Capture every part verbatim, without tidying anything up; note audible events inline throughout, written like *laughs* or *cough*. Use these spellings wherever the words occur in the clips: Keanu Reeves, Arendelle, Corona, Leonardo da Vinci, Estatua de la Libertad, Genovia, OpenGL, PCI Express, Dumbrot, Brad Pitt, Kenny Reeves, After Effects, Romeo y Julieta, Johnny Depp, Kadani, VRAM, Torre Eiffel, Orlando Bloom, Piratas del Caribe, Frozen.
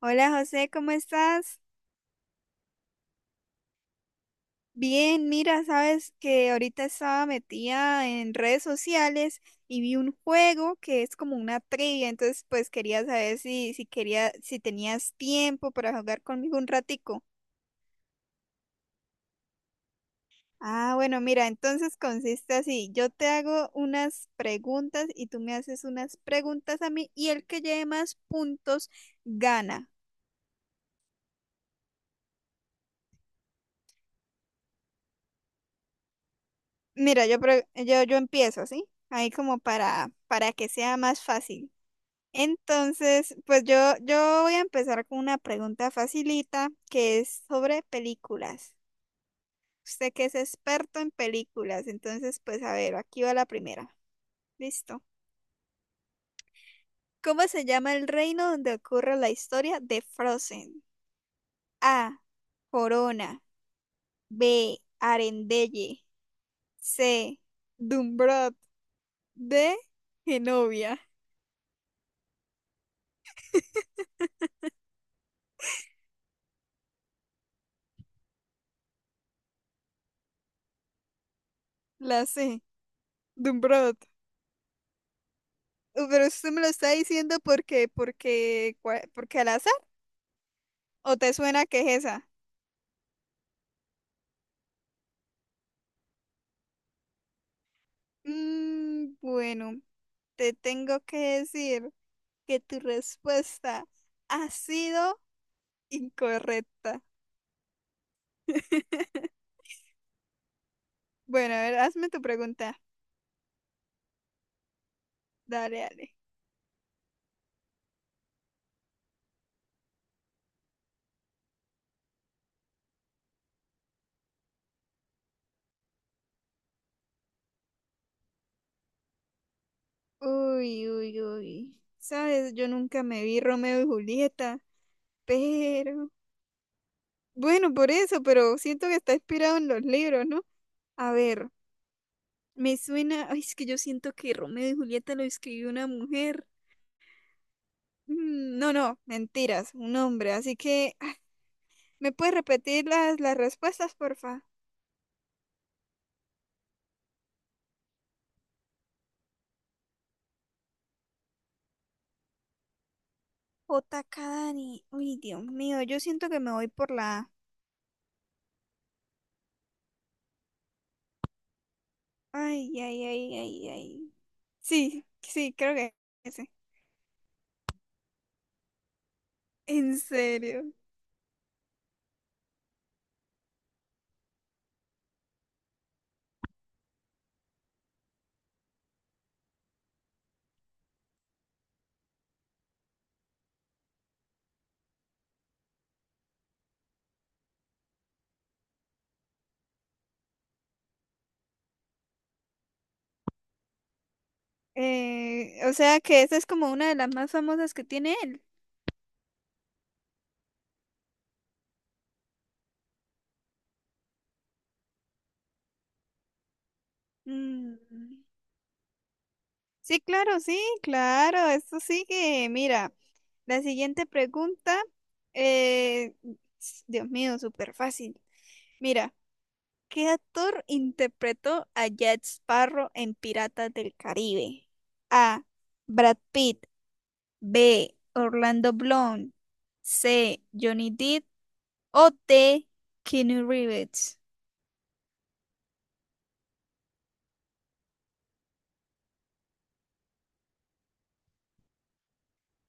Hola José, ¿cómo estás? Bien, mira, sabes que ahorita estaba metida en redes sociales y vi un juego que es como una trivia, entonces pues quería saber si, si quería, si tenías tiempo para jugar conmigo un ratico. Ah, bueno, mira, entonces consiste así, yo te hago unas preguntas y tú me haces unas preguntas a mí y el que lleve más puntos gana. Mira, yo, pre- yo, yo empiezo, ¿sí? Ahí como para, para que sea más fácil. Entonces, pues yo, yo voy a empezar con una pregunta facilita que es sobre películas. Usted que es experto en películas, entonces, pues a ver, aquí va la primera. Listo. ¿Cómo se llama el reino donde ocurre la historia de Frozen? A, Corona. B, Arendelle. C, Dumbrot. D, Genovia. La C. Dumbrot. Uh, Pero usted me lo está diciendo porque, porque, cua- porque al azar. ¿O te suena que es esa? Mm, bueno, te tengo que decir que tu respuesta ha sido incorrecta. Bueno, a ver, hazme tu pregunta. Dale, dale. Uy, uy, uy. Sabes, yo nunca me vi Romeo y Julieta, pero… Bueno, por eso, pero siento que está inspirado en los libros, ¿no? A ver, me suena… Ay, es que yo siento que Romeo y Julieta lo escribió una mujer. Mm, No, no, mentiras, un hombre. Así que, ¿me puedes repetir las, las respuestas, porfa? J. Kadani. Uy, Dios mío, yo siento que me voy por la A. Ay, ay, ay, ay, ay. Sí, sí, creo que ese. ¿En serio? Eh, o sea que esa es como una de las más famosas que tiene él. Mm, Sí, claro, sí, claro. Esto sigue. Mira, la siguiente pregunta. eh, s- Dios mío, súper fácil. Mira. ¿Qué actor interpretó a Jack Sparrow en Piratas del Caribe? A, Brad Pitt. B, Orlando Bloom. C, Johnny Depp. O D, Keanu Reeves.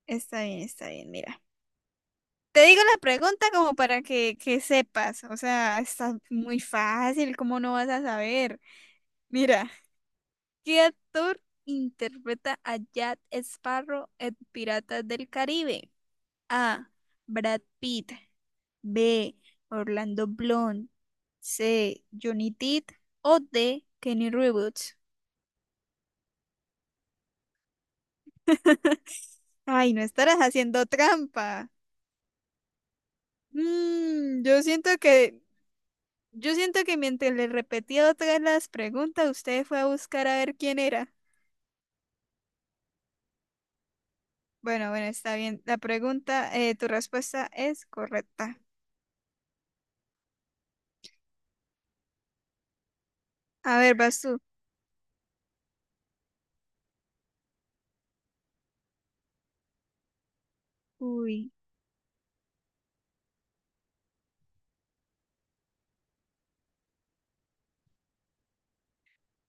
Está bien, está bien, mira. Te digo la pregunta como para que, que sepas. O sea, está muy fácil, ¿cómo no vas a saber? Mira, ¿qué actor interpreta a Jack Sparrow en Piratas del Caribe? A, Brad Pitt. B, Orlando Bloom. C, Johnny Depp. O D, Kenny Reeves. *laughs* Ay, no estarás haciendo trampa. Mm, yo siento que, yo siento que mientras le repetía otra vez las preguntas, usted fue a buscar a ver quién era. Bueno, bueno, está bien. La pregunta, eh, tu respuesta es correcta. A ver, vas tú. Uy.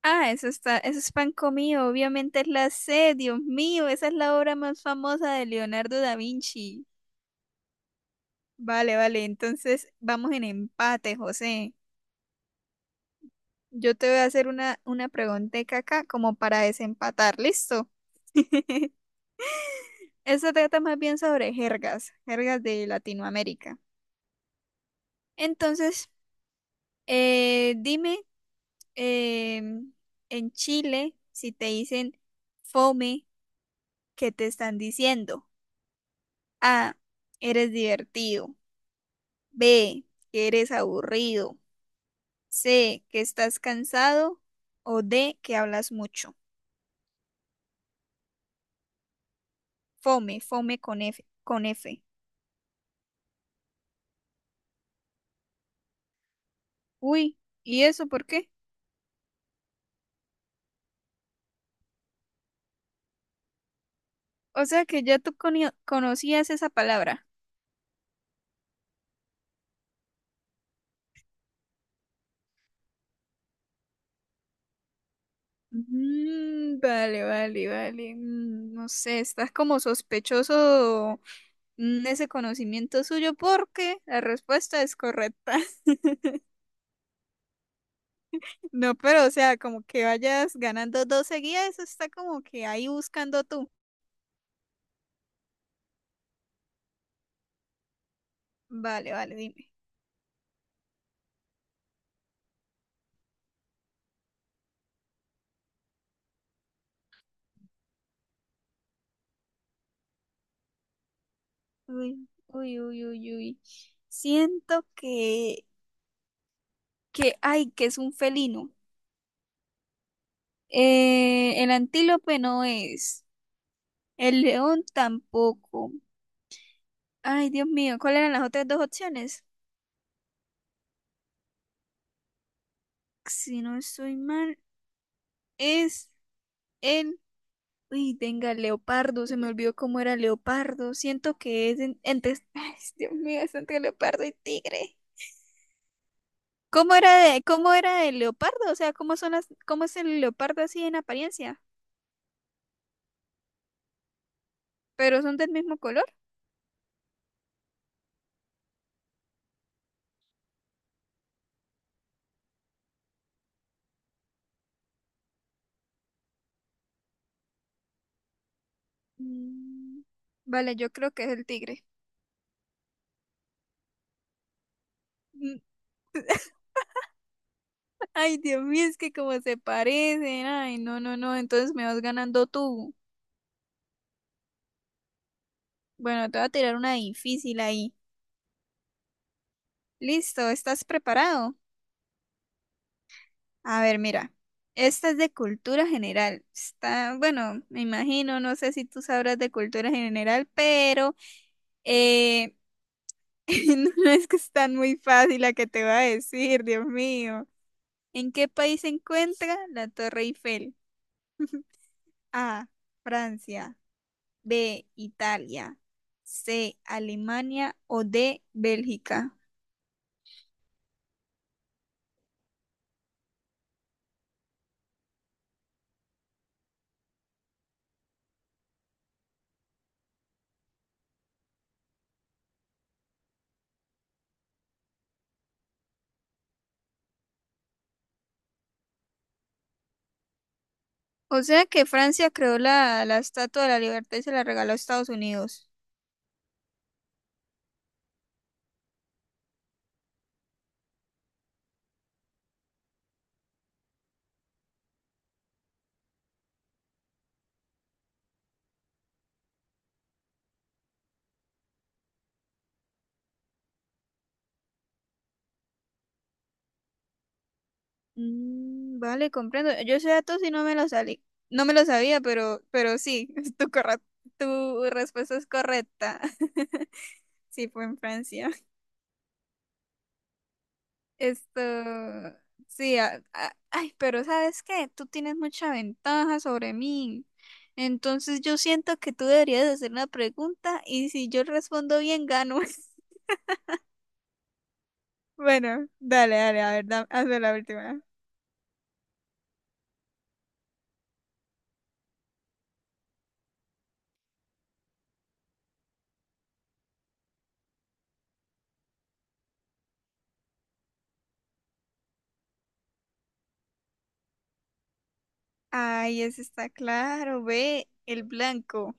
Ah, eso está, eso es pan comido. Obviamente es la C, Dios mío, esa es la obra más famosa de Leonardo da Vinci. Vale, vale. Entonces vamos en empate, José. Yo te voy a hacer una, una pregunteca acá como para desempatar. ¿Listo? *laughs* Eso trata más bien sobre jergas, jergas de Latinoamérica. Entonces, eh, dime, em, en Chile, si te dicen fome, ¿qué te están diciendo? A, eres divertido. B, que eres aburrido. C, que estás cansado. O D, que hablas mucho. Fome, fome con F, con F. Uy, ¿y eso por qué? O sea que ya tú cono- conocías esa palabra. Mm, vale, vale, vale. Mm, no sé, estás como sospechoso mm, ese conocimiento suyo porque la respuesta es correcta. *laughs* No, pero o sea, como que vayas ganando dos seguidas, eso está como que ahí buscando tú. Vale, vale, dime. Uy, uy, uy, uy, uy. Siento que, que, ay, que es un felino. Eh, el antílope no es. El león tampoco. Ay, Dios mío, ¿cuáles eran las otras dos opciones? Si no estoy mal, es el… Uy, venga, el leopardo, se me olvidó cómo era el leopardo. Siento que es en- entre… *laughs* Ay, Dios mío, es entre leopardo y tigre. ¿Cómo era de, cómo era el leopardo? O sea, ¿cómo son las, cómo es el leopardo así en apariencia? Pero son del mismo color. Mm, Vale, yo creo que es el tigre. Mm, *laughs* Ay, Dios mío, es que como se parecen. Ay, no, no, no. Entonces me vas ganando tú. Bueno, te voy a tirar una difícil ahí. Listo, ¿estás preparado? A ver, mira. Esta es de cultura general. Está, bueno, me imagino, no sé si tú sabrás de cultura general, pero eh, *laughs* no es que es tan muy fácil la que te va a decir, Dios mío. ¿En qué país se encuentra la Torre Eiffel? A, Francia. B, Italia. C, Alemania. O D, Bélgica. O sea que Francia creó la, la Estatua de la Libertad y se la regaló a Estados Unidos. Mm, vale, comprendo. Yo ese dato sí no me lo salí. No me lo sabía, pero, pero sí, *laughs* tu, corra- tu respuesta es correcta. *laughs* Sí, fue en Francia. Esto, sí, a- a- ay, pero ¿sabes qué? Tú tienes mucha ventaja sobre mí. Entonces yo siento que tú deberías hacer una pregunta y si yo respondo bien, gano. *laughs* Bueno, dale, dale, a ver, da- hazme la última. Ay, ese está claro, ve, el blanco.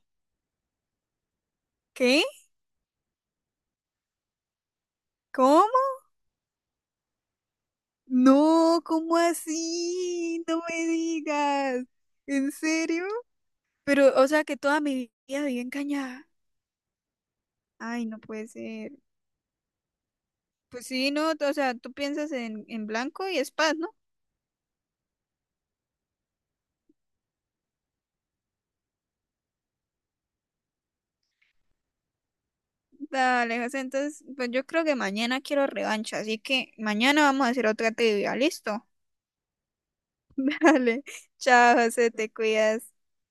¿Qué? ¿Cómo? No, ¿cómo así? No me digas. ¿En serio? Pero, o sea, que toda mi vida viví engañada. Ay, no puede ser. Pues sí, no, o sea, tú piensas en, en blanco y es paz, ¿no? Dale, José, entonces, pues yo creo que mañana quiero revancha, así que mañana vamos a hacer otra trivia, ¿listo? *laughs* Dale, chao, José, te cuidas.